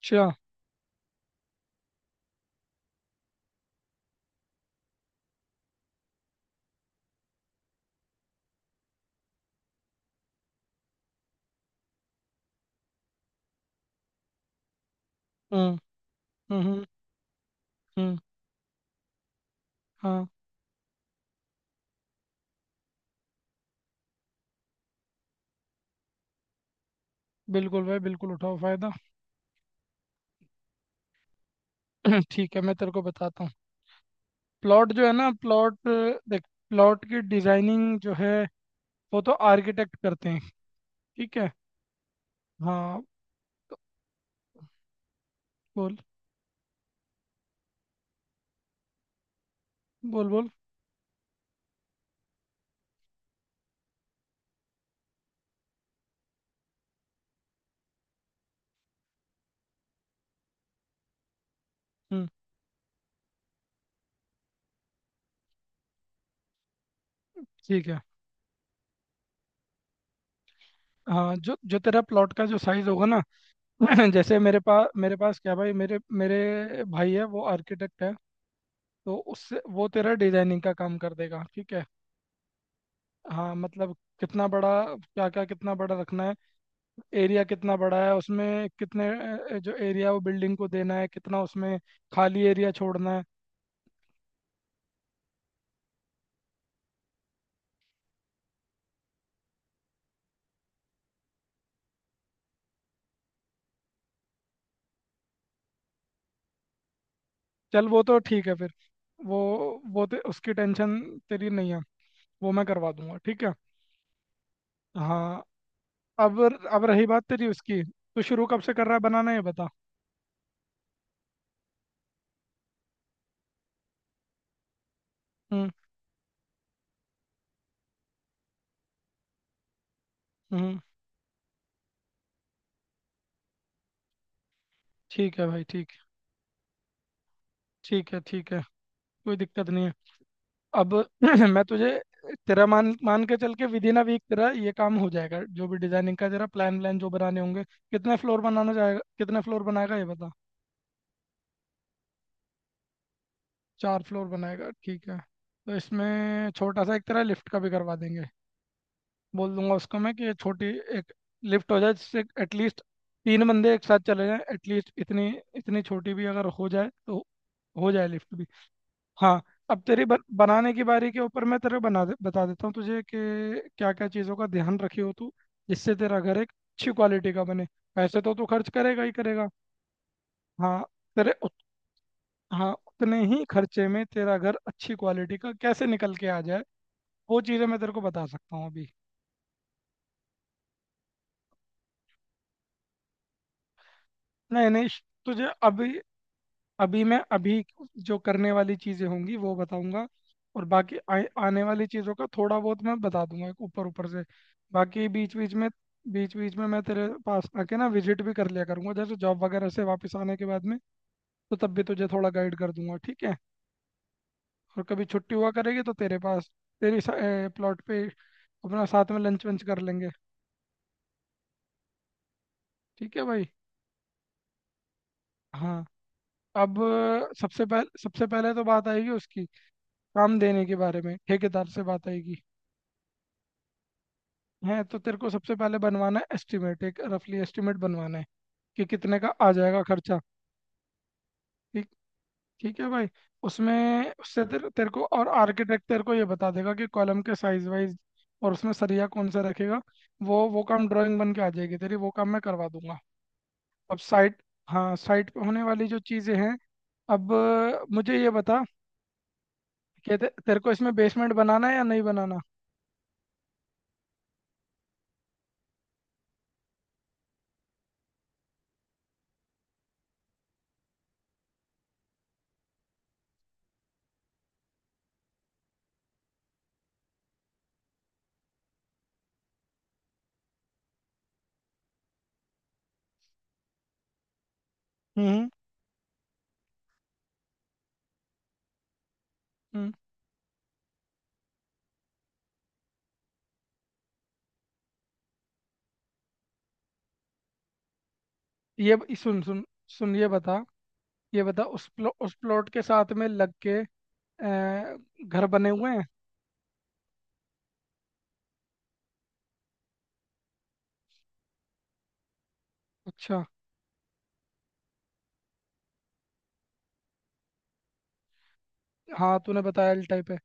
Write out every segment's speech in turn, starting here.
अच्छा। हम्म। हम्म। हम्म। हाँ, बिल्कुल भाई, बिल्कुल उठाओ फायदा। ठीक है, मैं तेरे को बताता हूँ। प्लॉट जो है ना, प्लॉट, देख, प्लॉट की डिजाइनिंग जो है वो तो आर्किटेक्ट करते हैं। ठीक है। हाँ, बोल बोल बोल। हम्म। ठीक है। हाँ, जो जो तेरा प्लॉट का जो साइज होगा ना, जैसे मेरे पास क्या भाई, मेरे मेरे भाई है वो आर्किटेक्ट है, तो उससे वो तेरा डिजाइनिंग का काम कर देगा। ठीक है। हाँ मतलब, कितना बड़ा, क्या क्या कितना बड़ा रखना है, एरिया कितना बड़ा है, उसमें कितने जो एरिया वो बिल्डिंग को देना है, कितना उसमें खाली एरिया छोड़ना है। चल वो तो ठीक है फिर। वो उसकी टेंशन तेरी नहीं है, वो मैं करवा दूंगा। ठीक है। हाँ। अब अब रही बात तेरी उसकी, तो शुरू कब से कर रहा है बनाना ये बता। हम्म। हम्म। ठीक है भाई, ठीक, ठीक है, ठीक है, कोई दिक्कत नहीं है। अब मैं तुझे, तेरा, मान मान के चल के विद इन अ वीक तेरा ये काम हो जाएगा, जो भी डिजाइनिंग का तेरा प्लान व्लान जो बनाने होंगे। कितने फ्लोर बनाना चाहेगा, कितने फ्लोर बनाएगा ये बता। 4 फ्लोर बनाएगा, ठीक है, तो इसमें छोटा सा एक तेरा लिफ्ट का भी करवा देंगे। बोल दूंगा उसको मैं कि ये छोटी एक लिफ्ट हो जाए, जिससे एटलीस्ट 3 बंदे एक साथ चले जाएं, एटलीस्ट इतनी इतनी छोटी भी अगर हो जाए तो हो जाए लिफ्ट भी। हाँ। अब तेरी बनाने की बारी के ऊपर मैं बता देता हूँ तुझे कि क्या क्या चीज़ों का ध्यान रखी हो तू, जिससे तेरा घर एक अच्छी क्वालिटी का बने। पैसे तो तू खर्च करेगा ही करेगा। हाँ, तेरे उत, हाँ, उतने ही खर्चे में तेरा घर अच्छी क्वालिटी का कैसे निकल के आ जाए, वो चीज़ें मैं तेरे को बता सकता हूँ अभी। नहीं नहीं, तुझे अभी अभी मैं अभी जो करने वाली चीजें होंगी वो बताऊंगा। और बाकी आने वाली चीजों का थोड़ा बहुत मैं बता दूंगा ऊपर ऊपर से। बाकी बीच बीच में, बीच बीच में मैं तेरे पास आके ना विजिट भी कर लिया करूंगा, जैसे जॉब वगैरह से वापस आने के बाद में, तो तब भी तुझे थोड़ा गाइड कर दूंगा। ठीक है। और कभी छुट्टी हुआ करेगी तो तेरे पास, तेरी प्लॉट पे अपना साथ में लंच वंच कर लेंगे। ठीक है भाई। हाँ। अब सबसे पहले, सबसे पहले तो बात आएगी उसकी, काम देने के बारे में ठेकेदार से बात आएगी है। तो तेरे को सबसे पहले बनवाना है एस्टिमेट, एक रफली एस्टिमेट बनवाना है कि कितने का आ जाएगा खर्चा। ठीक, ठीक है भाई। उसमें उससे तेरे तेरे को और आर्किटेक्ट तेरे को ये बता देगा कि कॉलम के साइज वाइज और उसमें सरिया कौन सा रखेगा। वो काम ड्राइंग बन के आ जाएगी तेरी, वो काम मैं करवा दूंगा। अब साइट, हाँ, साइट पे होने वाली जो चीज़ें हैं, अब मुझे ये बता कि तेरे को इसमें बेसमेंट बनाना है या नहीं बनाना। हम्म। हम्म। सुन सुन सुन, ये बता, ये बता उस उस प्लॉट के साथ में लग के अ, घर बने हुए हैं? अच्छा। हाँ, तूने बताया एल टाइप है,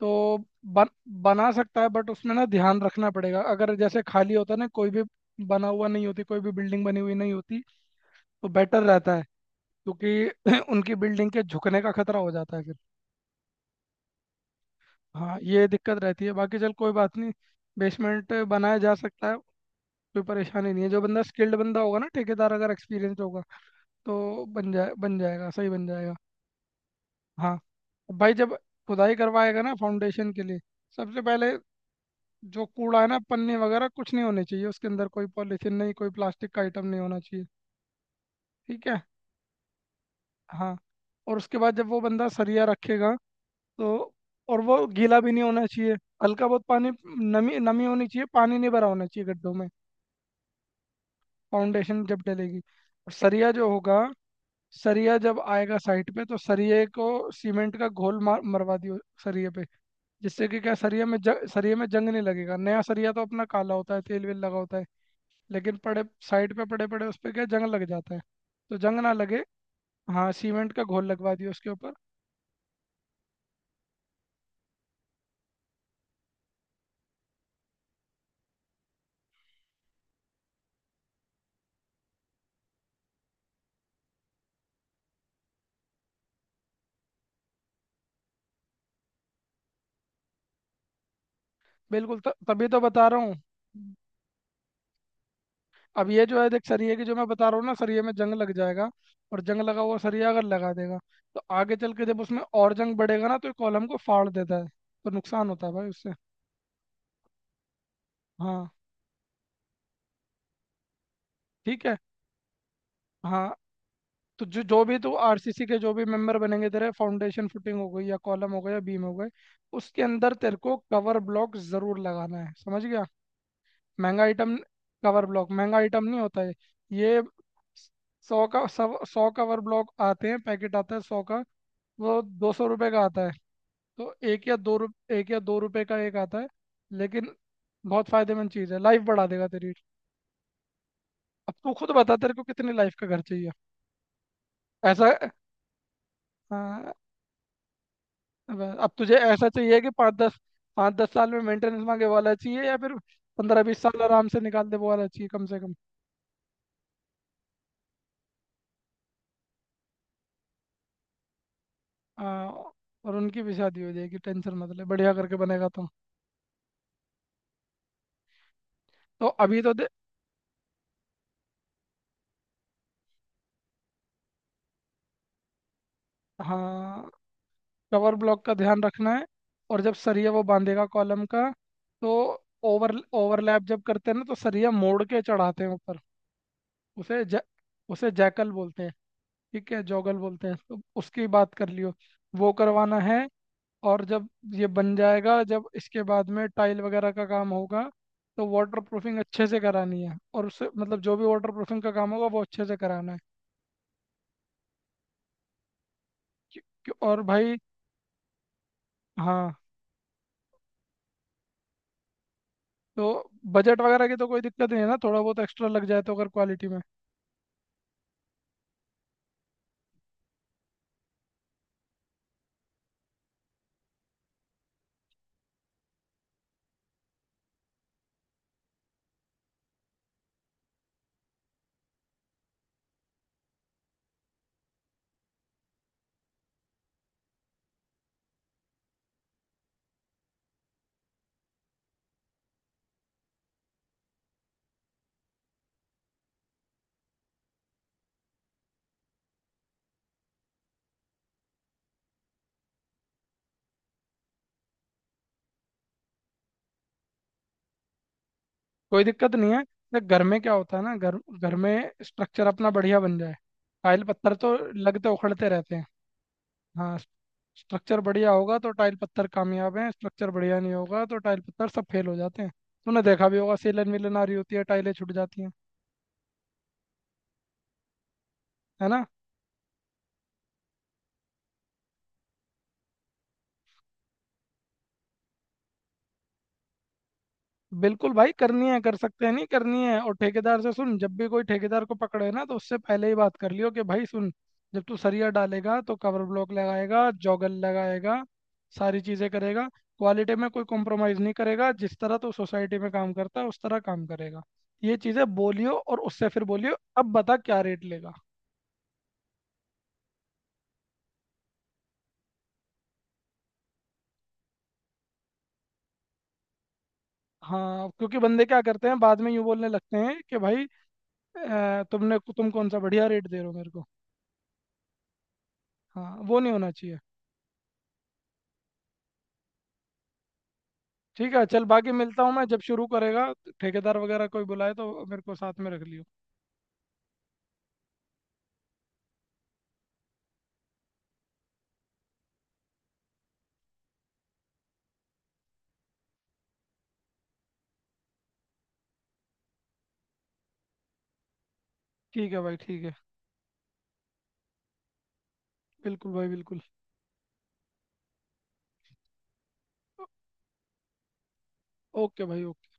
तो बन बना सकता है, बट उसमें ना ध्यान रखना पड़ेगा। अगर जैसे खाली होता ना, कोई भी बना हुआ नहीं होती, कोई भी बिल्डिंग बनी हुई नहीं होती, तो बेटर रहता है, क्योंकि उनकी बिल्डिंग के झुकने का खतरा हो जाता है फिर। हाँ, ये दिक्कत रहती है। बाकी चल, कोई बात नहीं, बेसमेंट बनाया जा सकता है, कोई परेशानी नहीं है। जो बंदा स्किल्ड बंदा होगा ना ठेकेदार, अगर एक्सपीरियंस होगा, तो बन जाएगा, सही बन जाएगा। हाँ भाई, जब खुदाई करवाएगा ना फाउंडेशन के लिए, सबसे पहले जो कूड़ा है ना, पन्नी वगैरह कुछ नहीं होने चाहिए उसके अंदर, कोई पॉलीथीन नहीं, कोई प्लास्टिक का आइटम नहीं होना चाहिए। ठीक है। हाँ, और उसके बाद जब वो बंदा सरिया रखेगा तो, और वो गीला भी नहीं होना चाहिए, हल्का बहुत पानी, नमी नमी होनी चाहिए, पानी नहीं भरा होना चाहिए गड्ढों में। फाउंडेशन जब डलेगी और सरिया जो होगा, सरिया जब आएगा साइट पे, तो सरिये को सीमेंट का घोल मार मरवा दियो सरिये पे, जिससे कि क्या, सरिया में जंग नहीं लगेगा। नया सरिया तो अपना काला होता है, तेल वेल लगा होता है, लेकिन पड़े साइड पे पड़े पड़े उस पे क्या जंग लग जाता है, तो जंग ना लगे। हाँ, सीमेंट का घोल लगवा दिया उसके ऊपर। बिल्कुल, तभी तो बता रहा हूँ। अब ये जो है देख, सरिया की जो मैं बता रहा हूँ ना, सरिया में जंग लग जाएगा, और जंग लगा हुआ सरिया अगर लगा देगा, तो आगे चल के जब उसमें और जंग बढ़ेगा ना, तो ये कॉलम को फाड़ देता है, तो नुकसान होता है भाई उससे। हाँ। ठीक है। हाँ। तो जो जो भी तू RCC के जो भी मेंबर बनेंगे तेरे, फाउंडेशन फुटिंग हो गई, या कॉलम हो गया, या बीम हो गए, उसके अंदर तेरे को कवर ब्लॉक जरूर लगाना है, समझ गया। महंगा आइटम, कवर ब्लॉक महंगा आइटम नहीं होता है ये। 100 का, 100-100 कवर ब्लॉक आते हैं, पैकेट आता है 100 का, वो 200 रुपये का आता है। तो एक या दो रुप एक या 2 रुपये का एक आता है, लेकिन बहुत फायदेमंद चीज़ है, लाइफ बढ़ा देगा तेरी। अब तू खुद बता तेरे को कितनी लाइफ का घर चाहिए? ऐसा, हाँ, अब तुझे ऐसा चाहिए कि 5 10, 5 10 साल में मेंटेनेंस मांगे वाला चाहिए, या फिर 15 20 साल आराम से निकाल दे वो वाला चाहिए कम से कम? आ, और उनकी भी शादी हो जाएगी, टेंशन मत ले, बढ़िया करके बनेगा तो। तो अभी तो दे। हाँ, कवर ब्लॉक का ध्यान रखना है। और जब सरिया वो बांधेगा कॉलम का, तो ओवर ओवरलैप जब करते हैं ना, तो सरिया मोड़ के चढ़ाते हैं ऊपर। उसे जै, उसे जैकल बोलते हैं, ठीक है, जॉगल बोलते हैं, तो उसकी बात कर लियो, वो करवाना है। और जब ये बन जाएगा, जब इसके बाद में टाइल वगैरह का काम होगा, तो वाटर प्रूफिंग अच्छे से करानी है, और उससे मतलब जो भी वाटर प्रूफिंग का काम होगा वो अच्छे से कराना है। क्यों- क्यों- और भाई, हाँ, तो बजट वगैरह की तो कोई दिक्कत नहीं है ना, थोड़ा बहुत एक्स्ट्रा लग जाए तो अगर क्वालिटी में, कोई दिक्कत नहीं है। देख घर में क्या होता है ना, घर घर में स्ट्रक्चर अपना बढ़िया बन जाए, टाइल पत्थर तो लगते उखड़ते रहते हैं। हाँ, स्ट्रक्चर बढ़िया होगा तो टाइल पत्थर कामयाब हैं, स्ट्रक्चर बढ़िया नहीं होगा तो टाइल पत्थर सब फेल हो जाते हैं। तूने देखा भी होगा, सेलन वेलन आ रही होती है, टाइलें छूट जाती हैं, है ना। बिल्कुल भाई करनी है, कर सकते हैं, नहीं करनी है, और ठेकेदार से सुन, जब भी कोई ठेकेदार को पकड़े ना तो उससे पहले ही बात कर लियो कि भाई सुन, जब तू सरिया डालेगा तो कवर ब्लॉक लगाएगा, जोगल लगाएगा, सारी चीज़ें करेगा, क्वालिटी में कोई कॉम्प्रोमाइज़ नहीं करेगा, जिस तरह तू सोसाइटी में काम करता है उस तरह काम करेगा। ये चीज़ें बोलियो, और उससे फिर बोलियो अब बता क्या रेट लेगा। हाँ, क्योंकि बंदे क्या करते हैं बाद में यूँ बोलने लगते हैं कि भाई तुम कौन सा बढ़िया रेट दे रहे हो मेरे को। हाँ, वो नहीं होना चाहिए। ठीक है, चल, बाकी मिलता हूँ मैं जब शुरू करेगा, ठेकेदार वगैरह कोई बुलाए तो मेरे को साथ में रख लियो। ठीक है भाई, ठीक है। बिल्कुल भाई बिल्कुल। ओ- ओके भाई, ओके।